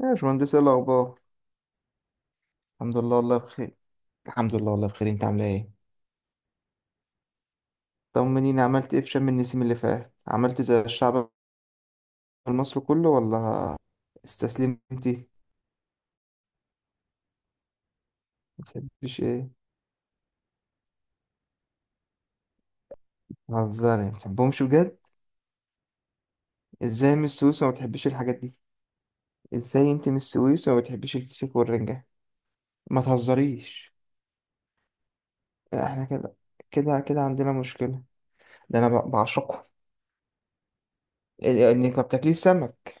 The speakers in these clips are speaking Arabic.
يا باشمهندس، ايه الاخبار؟ الحمد لله والله بخير. الحمد لله والله بخير. انت عامله ايه؟ طمنيني، عملت ايه في شم النسيم اللي فات؟ عملت زي الشعب المصري كله ولا استسلمتي؟ ما بتحبيش ايه؟ بتهزري؟ ما بتحبهمش بجد؟ ازاي من السويس وما بتحبيش الحاجات دي؟ ازاي انت من السويس وما بتحبيش الفسيخ والرنجة؟ ما تهزريش. احنا كده كده عندنا مشكلة. ده انا بعشقهم. انك ما بتاكليش سمك؟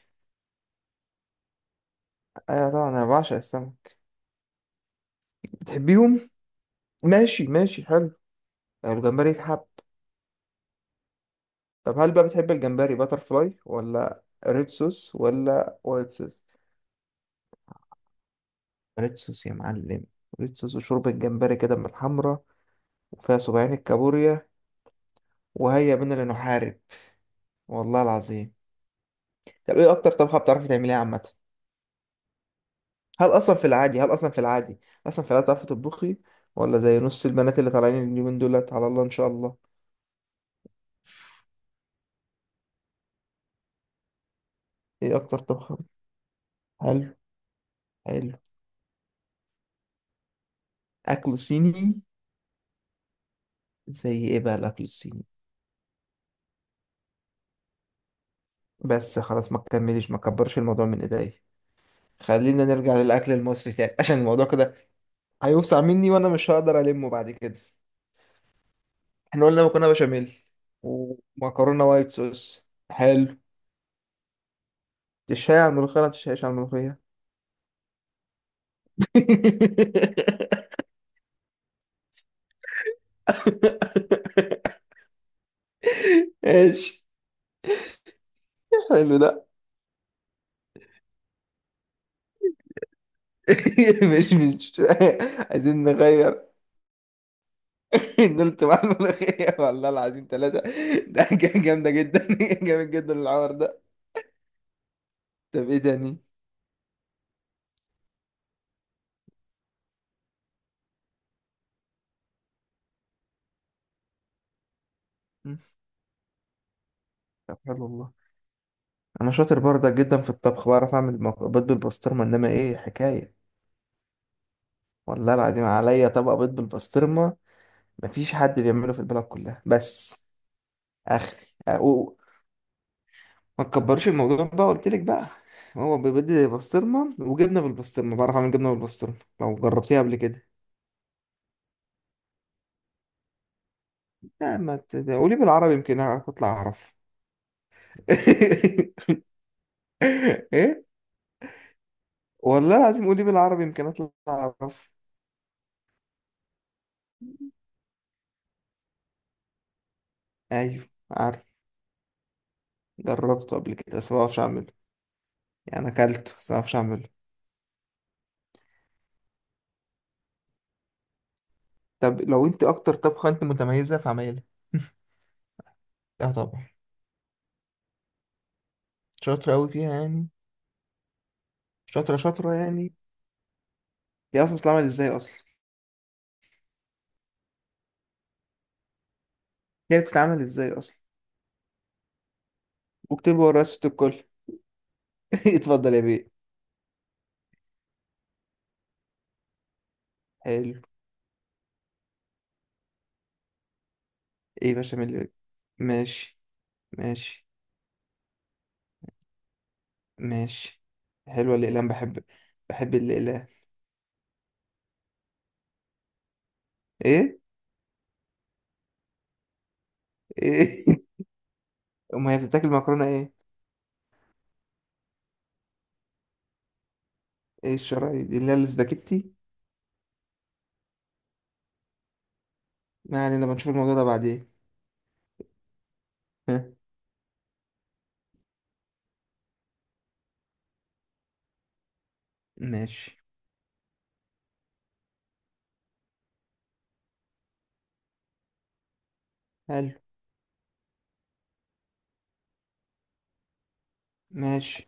ايوه طبعا، انا بعشق السمك. بتحبيهم؟ ماشي ماشي، حلو. الجمبري يتحب. طب هل بقى بتحب الجمبري باتر فلاي ولا ريد صوص ولا وايت صوص؟ ريد صوص يا معلم. ريد صوص وشوربة جمبري كده من الحمرا. وفيها 70 الكابوريا. وهيا بنا لنحارب. والله العظيم. طب ايه اكتر طبخة بتعرفي تعمليها عامة؟ هل اصلا في العادي هل اصلا في العادي اصلا في العادي بتعرفي تطبخي؟ ولا زي نص البنات اللي طالعين اليومين دولت؟ على الله ان شاء الله. ايه اكتر طبخة حلو. حلو. اكل صيني. زي ايه بقى الاكل الصيني؟ بس خلاص، ما تكمليش، ما تكبرش الموضوع من ايديا. خلينا نرجع للاكل المصري تاني عشان الموضوع كده هيوسع مني وانا مش هقدر المه بعد كده. احنا قلنا مكرونه بشاميل. ومكرونه وايت صوص، حلو. تشهي على الملوخيه ولا ما تشهيش على الملوخيه؟ ايش؟ حلو ده. مش عايزين نغير. نلت مع الملوخيه والله العظيم ثلاثه. ده حاجة جامده جدا جامد جدا العار ده. طب ايه تاني؟ مم. طب حلو والله. انا شاطر برضك جدا في الطبخ، بعرف اعمل بيض بالبسطرمه، انما ايه حكايه. والله العظيم، عليا طبق بيض بالبسطرمه. مفيش حد بيعمله في البلد كلها بس. اخي أو. ما تكبرش الموضوع بقى، قلت لك بقى. هو بيض بسطرمه وجبنه بالبسطرمه، بعرف اعمل جبنه بالبسطرمه لو جربتيها قبل كده. لا ما ت- ده قولي بالعربي يمكن اطلع اعرف. ايه؟ والله العظيم قولي بالعربي يمكن اطلع اعرف. ايوه عارف. جربته قبل كده بس ما بعرفش اعمله. يعني اكلته بس ما اعرفش اعمله. طب لو انت اكتر طبخه انت متميزه في عمايلها. اه طبعا. شاطره قوي فيها يعني. شاطره شاطره يعني. هي اصلا بتتعمل ازاي اصلا؟ هي بتتعمل ازاي اصلا؟ واكتبي ورايا ست الكل. اتفضل يا بيه. حلو. ايه بشاميل؟ ماشي. ماشي. ماشي، حلوه الاقلام، بحب. بحب الاقلام. ايه؟ ايه؟ امال هي بتتاكل مكرونه ايه؟ ايه الشرايط دي اللي هي الاسباجيتي؟ ما علينا، بنشوف الموضوع ده بعدين. ها. ماشي. حلو. ماشي.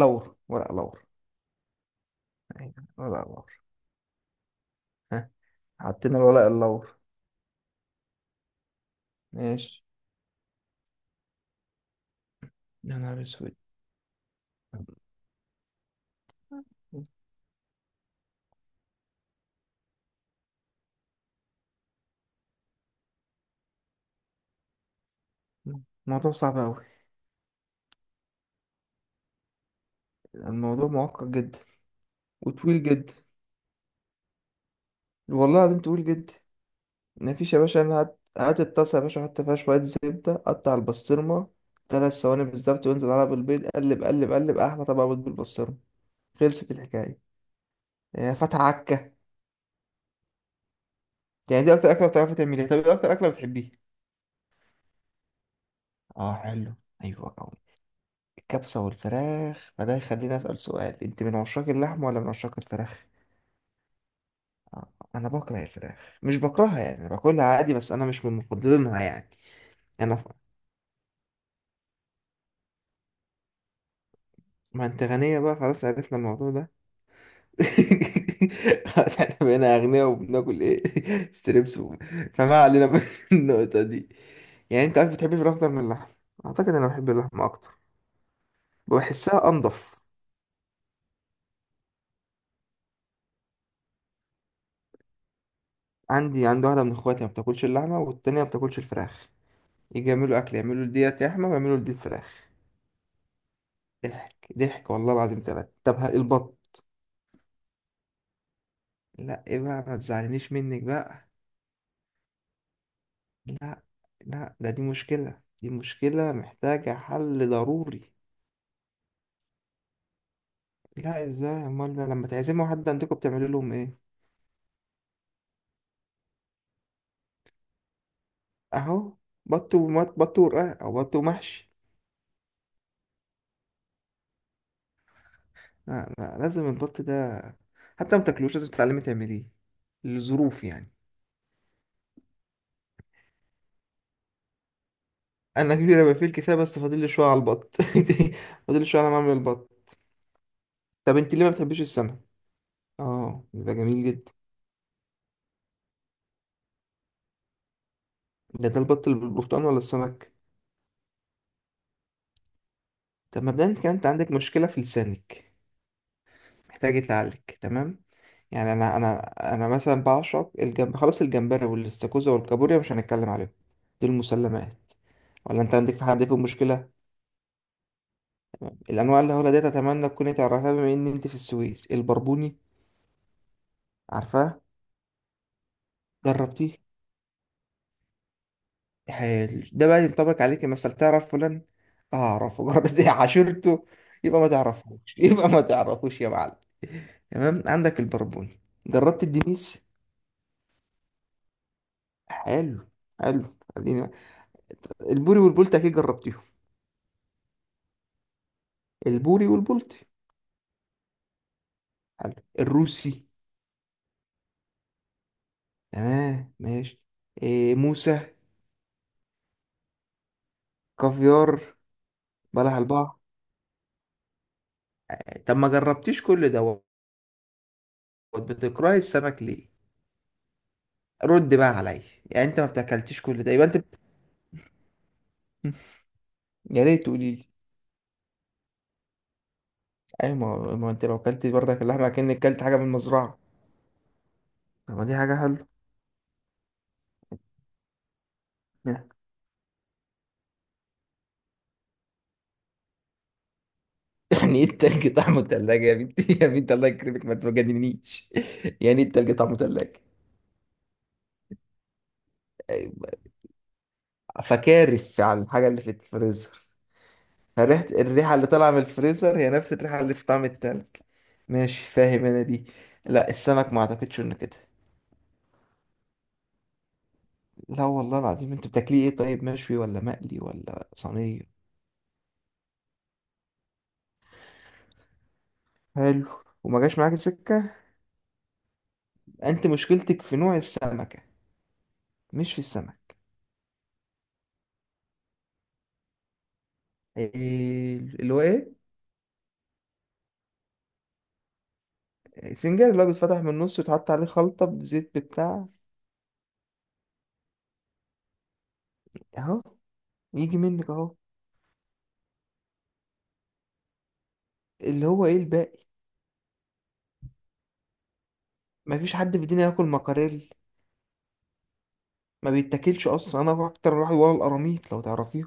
لور ورق لور. أيوة، ورق لور. ها. حطينا الورق اللور. ماشي. يا نهار اسود. الموضوع صعب أوي. الموضوع معقد جدا. وطويل جدا. والله العظيم طويل جدا. مفيش يا باشا. أنا هات هات الطاسة يا باشا، حط فيها شوية زبدة، قطع البسطرمة، 3 ثواني بالظبط، وانزل عليها بالبيض، قلب قلب قلب، أحلى طبق بيض بالبسطرمة. خلصت الحكاية. يا فتح عكة. يعني دي أكتر أكلة بتعرفي تعمليها؟ طب إيه أكتر أكلة بتحبيها؟ آه حلو. أيوة. كبسة والفراخ، فده يخليني أسأل سؤال، أنت من عشاق اللحم ولا من عشاق الفراخ؟ آه، أنا بكره الفراخ، مش بكرهها يعني، أنا باكلها عادي بس أنا مش من مفضلينها يعني. أنا ف... ما أنت غنية بقى، خلاص عرفنا الموضوع ده. خلاص احنا بقينا أغنياء وبناكل إيه ستريبس فما علينا من النقطة دي. يعني أنت عارف، بتحب الفراخ أكتر من اللحم. أعتقد أنا بحب اللحم أكتر. بحسها أنضف. عندي واحدة من إخواتي ما بتاكلش اللحمة والتانية ما بتاكلش الفراخ. يجي يعملوا اكل، يعملوا ديت لحمه ويعملوا ديت فراخ. ضحك ضحك والله العظيم ثلاثة. طب البط. لا ايه بقى، ما تزعلنيش منك بقى. لا لا، ده دي مشكله دي مشكله محتاجه حل ضروري. لا، ازاي؟ امال بقى لما تعزموا حد عندكم بتعملوا لهم ايه؟ اهو. بط ومط، بط ورقاق، او بط ومحشي. لا لا، لازم البط ده. حتى ما تاكلوش لازم تتعلمي تعمليه. الظروف يعني. انا كبيره بقى فيه الكفايه، بس فاضل لي شويه على البط فاضل لي شويه على ما اعمل البط. طب انت ليه ما بتحبيش السمك؟ اه ده جميل جدا. ده البط اللي بالبرتقال ولا السمك؟ طب مبدئيا كان انت عندك مشكله في لسانك؟ محتاج يتعالج. تمام. يعني انا مثلا بعشق خلاص الجمبري والاستاكوزا والكابوريا، مش هنتكلم عليهم. دول مسلمات. ولا انت عندك في حد فيهم مشكله؟ الانواع اللي هقولها ديت اتمنى تكوني تعرفها بما ان انت في السويس. البربوني. عارفاه؟ جربتيه؟ حلو، ده بقى ينطبق عليك، مثلا تعرف فلان؟ اعرفه مجرد إني عاشرته. يبقى ما تعرفوش يبقى ما تعرفوش يا معلم. تمام، عندك البربوني. جربت الدنيس؟ حلو. حلو. خلينا. البوري والبولت اكيد جربتيهم؟ البوري والبولت. حلو. الروسي؟ تمام ماشي. إيه موسى؟ كافيار؟ بلح البحر؟ طب ما جربتيش كل دوت. بتكرهي السمك ليه؟ رد بقى عليا. يعني انت ما بتاكلتيش كل ده يبقى انت يا ريت تقولي لي. ايوه، ما هو انت لو كلت بردك اللحمه كأنك كلت حاجه من المزرعه. طب ما دي حاجه حلوه. يعني يعني ايه التلج طعمه تلاجة يا بنتي؟ يا بنتي الله يكرمك ما تجننيش. يعني ايه التلج طعمه تلاجة؟ فكارف على الحاجه اللي في الفريزر. فريحه الريحه اللي طالعه من الفريزر هي نفس الريحه اللي في طعم التلج. ماشي، فاهم انا دي. لا السمك ما اعتقدش انه كده. لا والله العظيم، انت بتاكليه ايه؟ طيب مشوي ولا مقلي ولا صينيه؟ حلو. وما جاش معاك سكه؟ انت مشكلتك في نوع السمكه، مش في السمك. إيه اللي هو ايه؟ سنجاري اللي هو بيتفتح من النص ويتحط عليه خلطة بزيت بتاع. اهو. يجي منك اهو. اللي هو ايه الباقي؟ مفيش حد في الدنيا ياكل مكاريل. ما بيتاكلش اصلا، انا اكتر واحد ورا القراميط لو تعرفيه.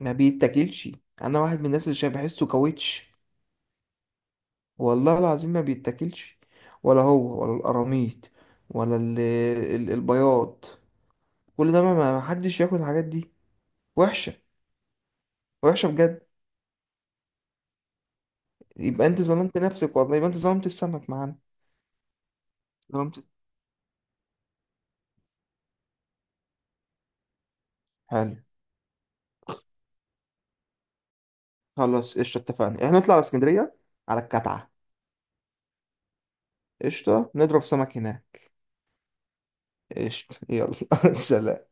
ما بيتاكلش. انا واحد من الناس اللي شبه بحسه كاوتش. والله العظيم ما بيتاكلش. ولا هو ولا القراميط. ولا البياض. كل ده ما حدش ياكل الحاجات دي. وحشة. وحشة بجد. يبقى انت ظلمت نفسك والله، يبقى انت ظلمت السمك معانا. ظلمت. حلو. خلاص قشطة، اتفقنا احنا نطلع على اسكندرية. على الكتعة. قشطة نضرب سمك هناك. قشطة يلا. سلام.